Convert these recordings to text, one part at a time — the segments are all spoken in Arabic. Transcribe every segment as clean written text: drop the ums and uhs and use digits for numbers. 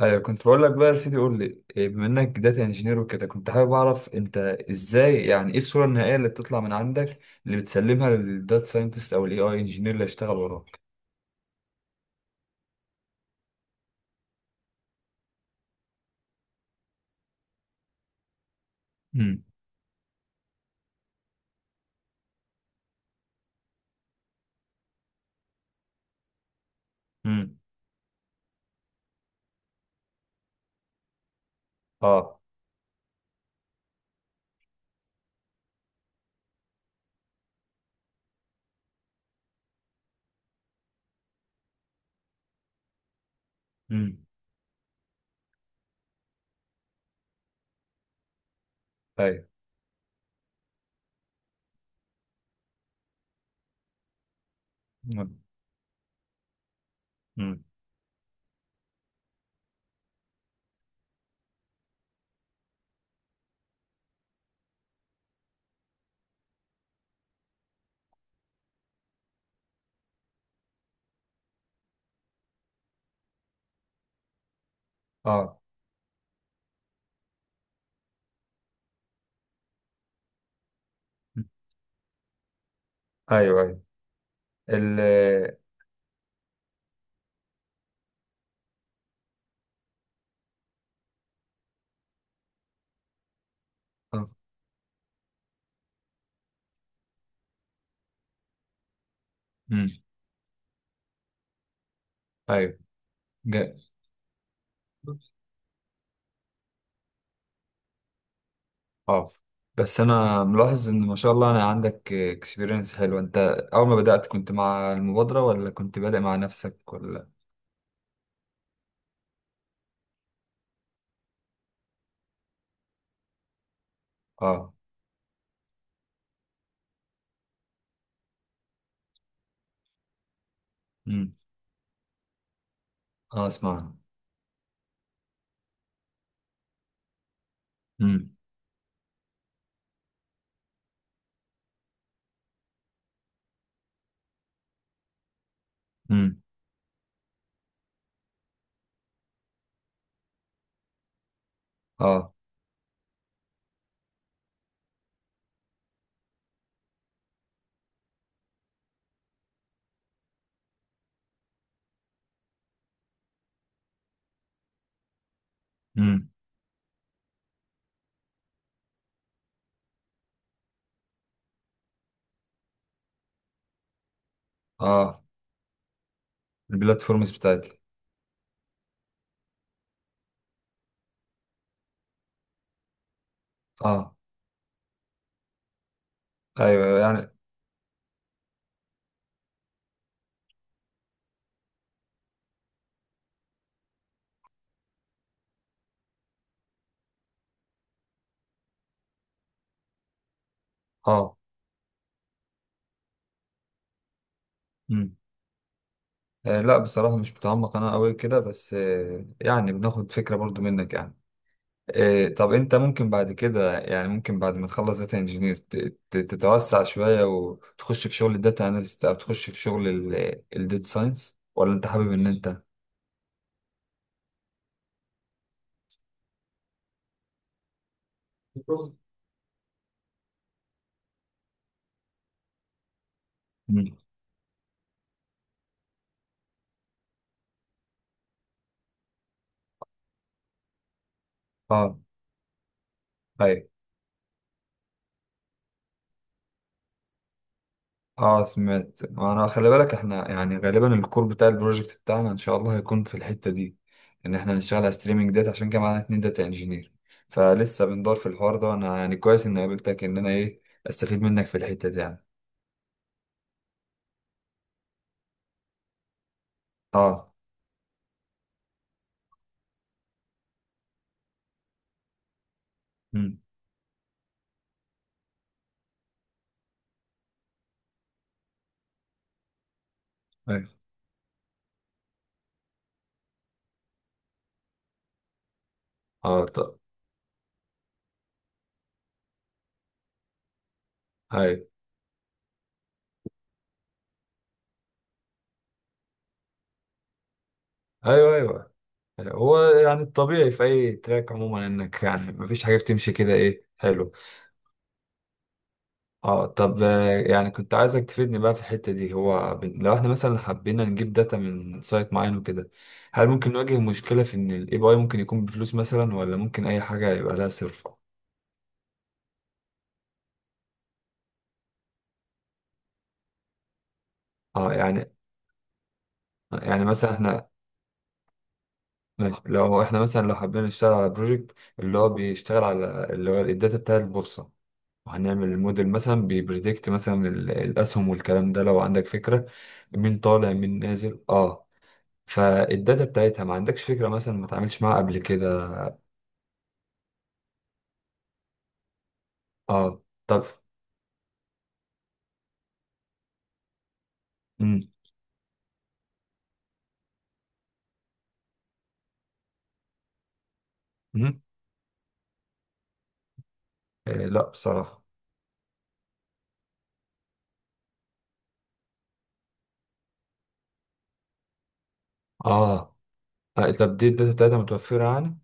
ايوه، كنت بقول لك بقى يا سيدي، قول لي إيه، بما انك داتا انجينير وكده كنت حابب اعرف انت ازاي، يعني ايه الصوره النهائيه اللي بتطلع من عندك، اللي بتسلمها للداتا ساينتست او الاي اي انجينير اللي هيشتغل وراك؟ امم. امم. اه. امم. ايوه. امم. اه. مم. آه. ايوه، ايوه. ال آه، امم. ايوه. جا- اه. بس انا ملاحظ ان ما شاء الله انا عندك اكسبيرينس حلو. انت اول ما بدأت كنت مع المبادرة ولا كنت بادئ مع نفسك ولا؟ اه. امم. اه، اسمع. امم. امم. اه. امم. اه. البلاتفورمز بتاعتي. اه. ايوه، أيوة، يعني. اه. امم. آه، لا بصراحة مش متعمق انا قوي كده، بس آه يعني بناخد فكرة برضو منك يعني. آه، طب انت ممكن بعد كده، يعني ممكن بعد ما تخلص داتا انجينير تتوسع شوية وتخش في شغل الداتا اناليست، او تخش في شغل الداتا ساينس، ولا انت حابب ان انت. مم. اه. ايوه. اه سمعت. انا خلي بالك احنا يعني غالبا الكور بتاع البروجكت بتاعنا ان شاء الله هيكون في الحته دي، ان احنا نشتغل على ستريمنج ديت، عشان كده معانا اتنين داتا انجينير. فلسه بندور في الحوار ده، وانا يعني كويس اني قابلتك ان انا ايه، استفيد منك في الحته دي يعني. اه. امم. ايوه. اه، طب. ايوه ايوه. ايوه، هو يعني الطبيعي في اي تراك عموما، انك يعني مفيش حاجه بتمشي كده ايه حلو. اه، طب آه، يعني كنت عايزك تفيدني بقى في الحتة دي. هو لو احنا مثلا حبينا نجيب داتا من سايت معين وكده، هل ممكن نواجه مشكلة في ان الاي بي اي ممكن يكون بفلوس مثلا، ولا ممكن اي حاجة يبقى لها صرف؟ اه يعني. يعني مثلا احنا. ماشي، لو احنا مثلا لو حبينا نشتغل على بروجكت اللي هو بيشتغل على اللي هو الداتا بتاع البورصة، وهنعمل الموديل مثلا بيبريدكت مثلا الاسهم والكلام ده، لو عندك فكرة مين طالع مين نازل اه. فالداتا بتاعتها ما عندكش فكرة مثلا، ما تعملش معاها قبل كده. اه، طب. مم. مم. آه لا بصراحة. اه. آه، طب دي الداتا بتاعتها متوفرة يعني؟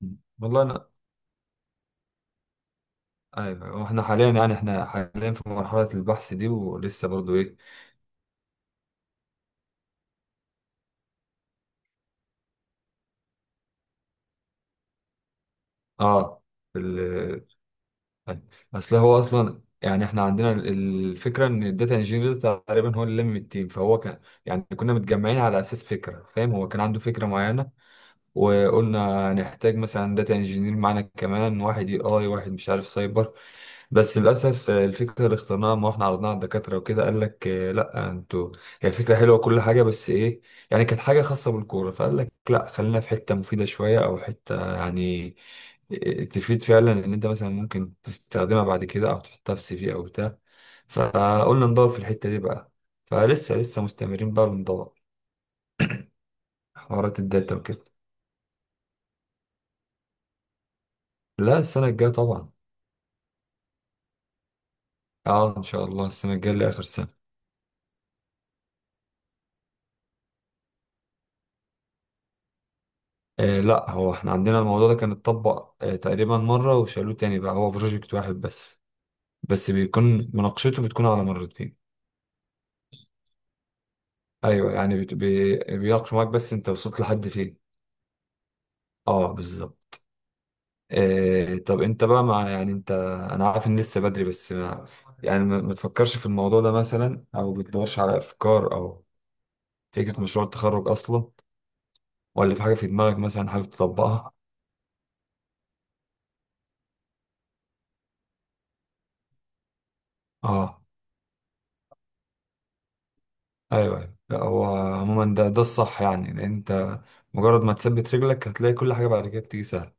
مم. والله انا، ايوه، واحنا حاليا يعني احنا حاليا في مرحلة البحث دي، ولسه برضو ايه. اه. في ال. آه. اصل هو اصلا يعني احنا عندنا الفكرة ان الداتا انجينير تقريبا هو اللي لم التيم، فهو كان يعني كنا متجمعين على اساس فكرة فاهم، هو كان عنده فكرة معينة، وقلنا هنحتاج مثلا داتا انجينير معانا كمان، واحد اي اي، واحد مش عارف سايبر. بس للاسف آه، الفكره اللي اخترناها ما احنا عرضناها على الدكاتره وكده، قال لك آه، لا انتوا هي فكره حلوه كل حاجه، بس ايه، يعني كانت حاجه خاصه بالكوره، فقال لك لا خلينا في حته مفيده شويه، او حته يعني آه، تفيد فعلا ان انت مثلا ممكن تستخدمها بعد كده، او تحطها في سي في او بتاع. فقلنا ندور في الحته دي بقى، فلسه لسه مستمرين بقى بندور حوارات الداتا وكده. لا، السنه الجايه طبعا. اه ان شاء الله السنه الجايه، اللي اخر سنه. آه لا، هو احنا عندنا الموضوع ده كان اتطبق آه تقريبا مره وشالوه تاني، بقى هو بروجكت واحد بس، بس بيكون مناقشته بتكون على مرتين. ايوه، يعني بيناقش معاك بس انت وصلت لحد فين. اه بالظبط. آه، طب انت بقى مع، يعني انت. انا عارف ان لسه بدري، بس ما. يعني ما. ما تفكرش في الموضوع ده مثلا، او بتدورش على افكار، او فكره مشروع التخرج اصلا، ولا في حاجه في دماغك مثلا حابب تطبقها؟ اه، ايوه ايوه. لا هو عموما ده الصح يعني، لان انت مجرد ما تثبت رجلك هتلاقي كل حاجه بعد كده بتيجي سهله.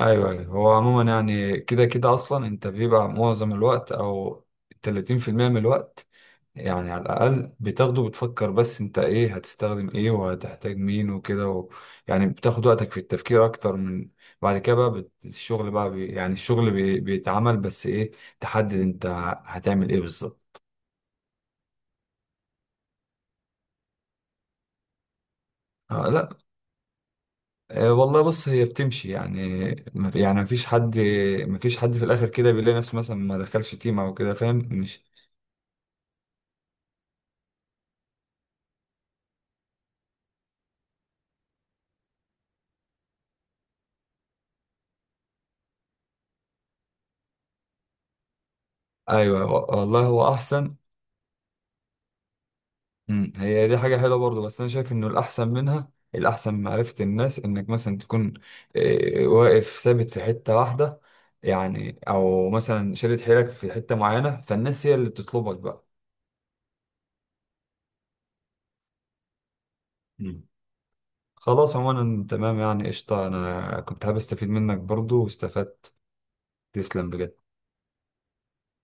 ايوه ايوه. هو عموما يعني كده كده اصلا انت بيبقى معظم الوقت، او 30% من الوقت يعني على الاقل بتاخده، بتفكر بس انت ايه هتستخدم، ايه وهتحتاج مين، وكده و. يعني بتاخد وقتك في التفكير اكتر من بعد كده بقى الشغل بقى يعني الشغل بيتعمل، بس ايه تحدد انت هتعمل ايه بالظبط. آه لا. أه، والله بص، هي بتمشي يعني، ما في- يعني مفيش حد، مفيش حد في الاخر كده بيلاقي نفسه مثلا ما دخلش تيم او كده فاهم مش. ايوه، والله هو احسن. مم، هي دي حاجه حلوه برضه، بس انا شايف انه الاحسن منها، الاحسن معرفه الناس انك مثلا تكون أه، واقف ثابت في حته واحده، يعني او مثلا شادد حيلك في حته معينه، فالناس هي اللي بتطلبك بقى. مم. خلاص عموما تمام يعني، قشطه، انا كنت حابب استفيد منك برضه واستفدت. تسلم بجد.